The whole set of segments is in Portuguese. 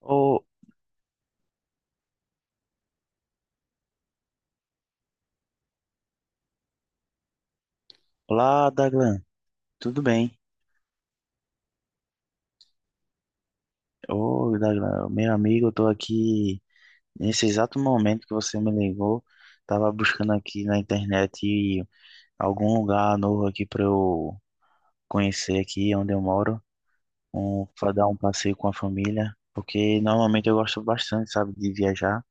Ô, olá, Daglan. Tudo bem? Ô, Daglan, meu amigo, eu tô aqui nesse exato momento que você me ligou. Tava buscando aqui na internet algum lugar novo aqui pra eu conhecer aqui onde eu moro, para dar um passeio com a família, porque normalmente eu gosto bastante, sabe, de viajar.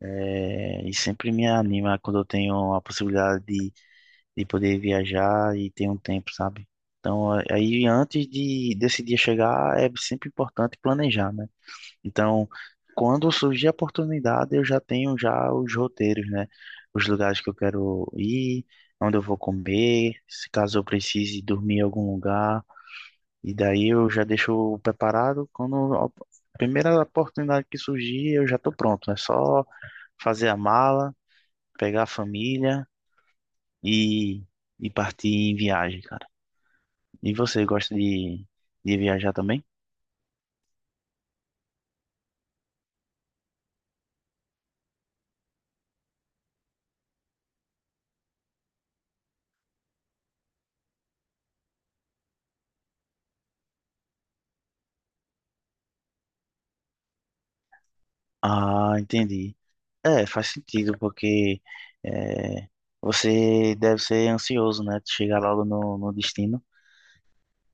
É, e sempre me anima quando eu tenho a possibilidade de poder viajar e ter um tempo, sabe? Então, aí antes de desse dia chegar, é sempre importante planejar, né? Então, quando surgir a oportunidade, eu já tenho já os roteiros, né? Os lugares que eu quero ir, onde eu vou comer, se caso eu precise dormir em algum lugar. E daí eu já deixo preparado quando a primeira oportunidade que surgir, eu já estou pronto. É só fazer a mala, pegar a família e, e partir em viagem, cara. E você gosta de viajar também? Ah, entendi. É, faz sentido, porque é, você deve ser ansioso, né? De chegar logo no destino.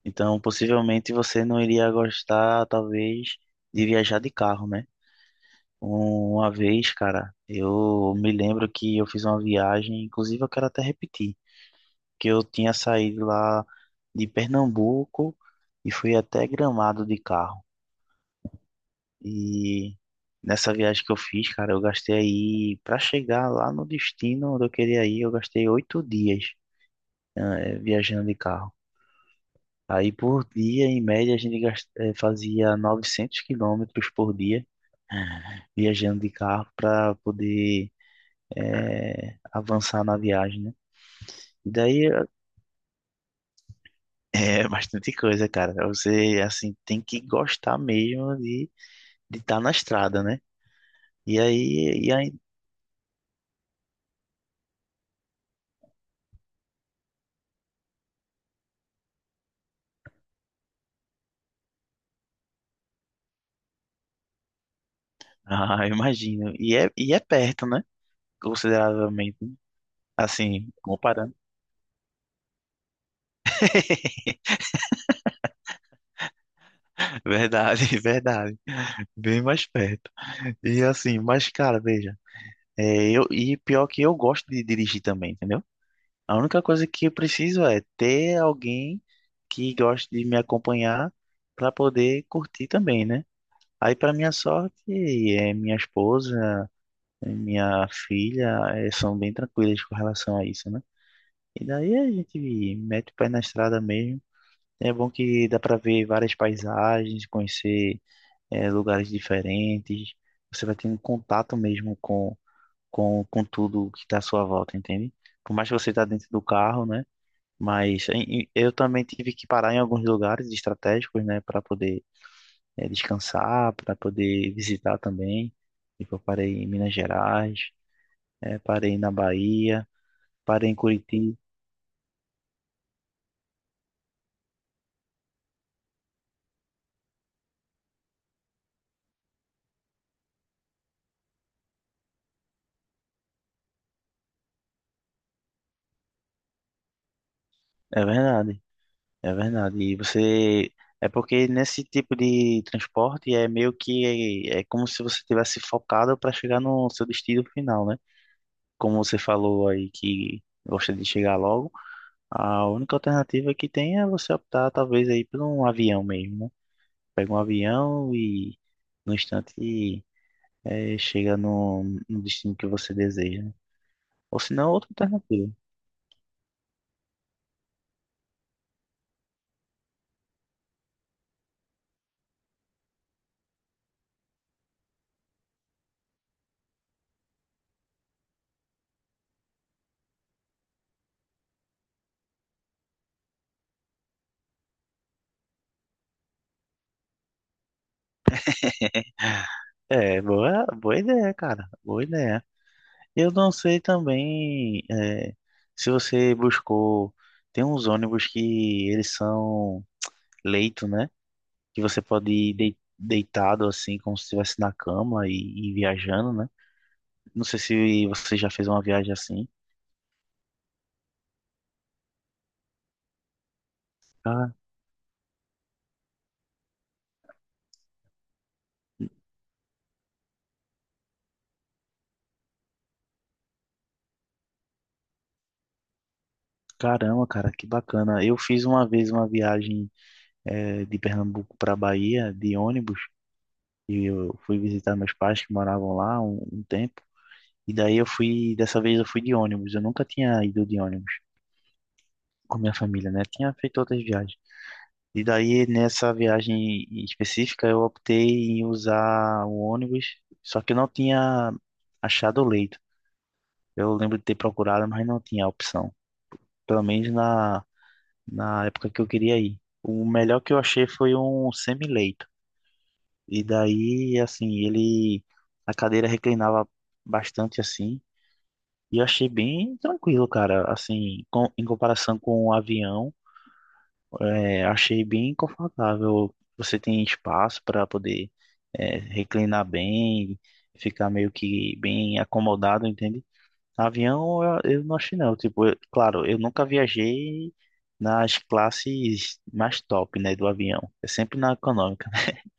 Então, possivelmente você não iria gostar, talvez, de viajar de carro, né? Uma vez, cara, eu me lembro que eu fiz uma viagem, inclusive eu quero até repetir, que eu tinha saído lá de Pernambuco e fui até Gramado de carro. E nessa viagem que eu fiz, cara, eu gastei aí, pra chegar lá no destino onde eu queria ir, eu gastei 8 dias, né, viajando de carro. Aí por dia, em média, a gente fazia 900 quilômetros por dia, eh, viajando de carro para poder avançar na viagem, né? E daí é bastante coisa, cara. Você, assim, tem que gostar mesmo de estar na estrada, né? E aí Ah, eu imagino. E é perto, né? Consideravelmente. Assim, comparando. Verdade, verdade. Bem mais perto. E assim, mas cara, veja, é, eu, e pior que eu gosto de dirigir também, entendeu? A única coisa que eu preciso é ter alguém que goste de me acompanhar para poder curtir também, né? Aí, para minha sorte, é minha esposa, é minha filha, é, são bem tranquilas com relação a isso, né? E daí a gente mete o pé na estrada mesmo. É bom que dá para ver várias paisagens, conhecer lugares diferentes. Você vai tendo contato mesmo com tudo que está à sua volta, entende? Por mais que você está dentro do carro, né? Mas eu também tive que parar em alguns lugares estratégicos, né? Para poder descansar, para poder visitar também. Tipo, eu parei em Minas Gerais, parei na Bahia, parei em Curitiba. É verdade. É verdade. E você. É porque nesse tipo de transporte é meio que. É, é como se você tivesse focado para chegar no seu destino final, né? Como você falou aí que gosta de chegar logo, a única alternativa que tem é você optar, talvez, aí por um avião mesmo, né? Pega um avião e no instante é, chega no destino que você deseja, né? Ou se não, outra alternativa. É, boa, boa ideia, cara. Boa ideia. Eu não sei também se você buscou. Tem uns ônibus que eles são leito, né? Que você pode ir deitado assim, como se estivesse na cama e viajando, né? Não sei se você já fez uma viagem assim. Ah, caramba, cara, que bacana. Eu fiz uma vez uma viagem de Pernambuco para Bahia de ônibus e eu fui visitar meus pais que moravam lá um tempo. E daí eu fui, dessa vez eu fui de ônibus. Eu nunca tinha ido de ônibus. Com minha família, né? Tinha feito outras viagens. E daí, nessa viagem específica, eu optei em usar o ônibus, só que eu não tinha achado o leito. Eu lembro de ter procurado, mas não tinha opção. Pelo menos na época que eu queria ir. O melhor que eu achei foi um semi-leito. E daí, assim, ele... A cadeira reclinava bastante, assim. E eu achei bem tranquilo, cara. Assim, em comparação com o avião. É, achei bem confortável. Você tem espaço para poder é, reclinar bem, ficar meio que bem acomodado, entende? Avião, eu não achei não. Tipo, claro, eu nunca viajei nas classes mais top, né, do avião. É sempre na econômica.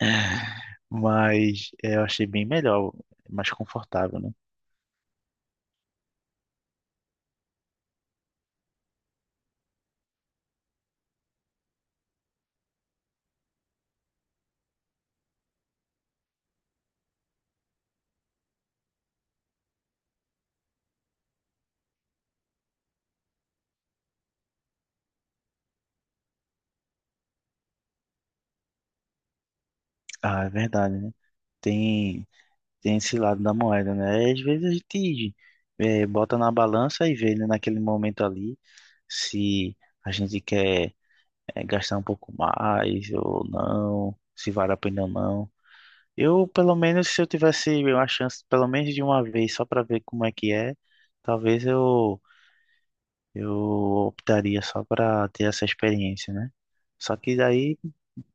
Mas é, eu achei bem melhor, mais confortável, né? Ah, é verdade, né? Tem, tem esse lado da moeda, né? Às vezes a gente bota na balança e vê, né, naquele momento ali. Se a gente quer gastar um pouco mais ou não, se vale a pena ou não. Eu, pelo menos, se eu tivesse uma chance, pelo menos de uma vez, só para ver como é que é, talvez eu optaria só para ter essa experiência, né? Só que daí,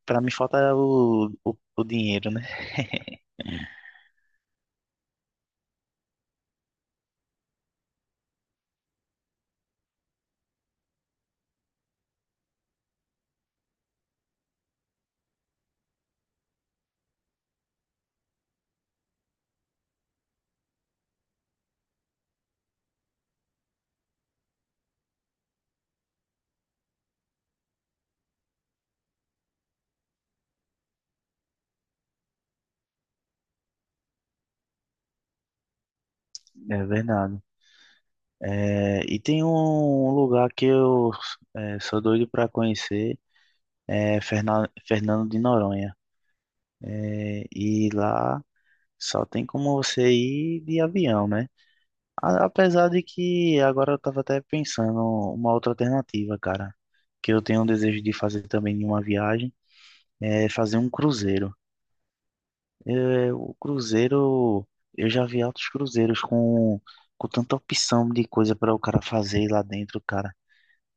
para mim, falta o dinheiro, né? É verdade. É, e tem um lugar que eu é, sou doido para conhecer, é Fernando de Noronha. É, e lá só tem como você ir de avião, né? Apesar de que agora eu tava até pensando uma outra alternativa, cara, que eu tenho um desejo de fazer também em uma viagem, é fazer um cruzeiro. É, o cruzeiro, eu já vi altos cruzeiros com tanta opção de coisa para o cara fazer lá dentro, cara.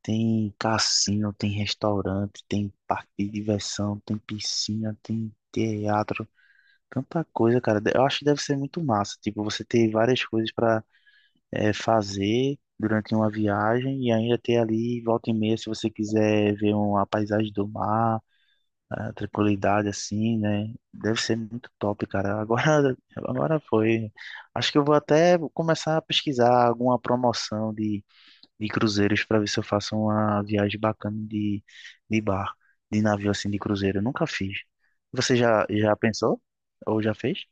Tem cassino, tem restaurante, tem parque de diversão, tem piscina, tem teatro. Tanta coisa, cara. Eu acho que deve ser muito massa. Tipo, você ter várias coisas para fazer durante uma viagem e ainda ter ali, volta e meia, se você quiser ver uma paisagem do mar, a tranquilidade assim, né? Deve ser muito top, cara. Agora, agora foi. Acho que eu vou até começar a pesquisar alguma promoção de cruzeiros para ver se eu faço uma viagem bacana de bar, de navio assim, de cruzeiro. Eu nunca fiz. Você já pensou? Ou já fez?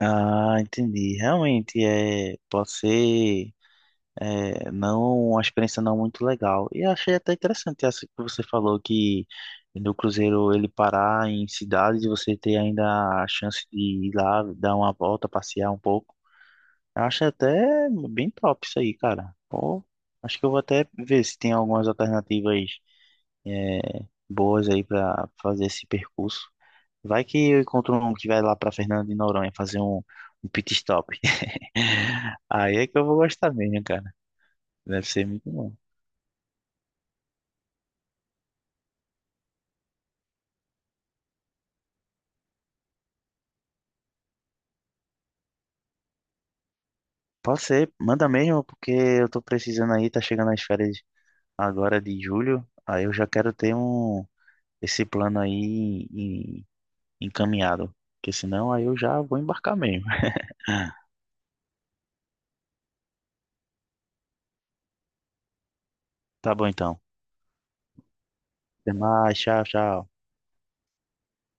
Ah, entendi. Realmente é, pode ser é, não uma experiência não muito legal. E achei até interessante essa que você falou que no cruzeiro ele parar em cidades e você ter ainda a chance de ir lá dar uma volta, passear um pouco. Eu achei até bem top isso aí, cara. Pô, acho que eu vou até ver se tem algumas alternativas é, boas aí para fazer esse percurso. Vai que eu encontro um que vai lá para Fernando de Noronha fazer um pit stop. Aí é que eu vou gostar mesmo, cara. Deve ser muito bom. Pode ser, manda mesmo, porque eu tô precisando aí, tá chegando as férias agora de julho. Aí eu já quero ter esse plano aí encaminhado. Porque senão aí eu já vou embarcar mesmo. Tá bom então. Até mais, tchau, tchau.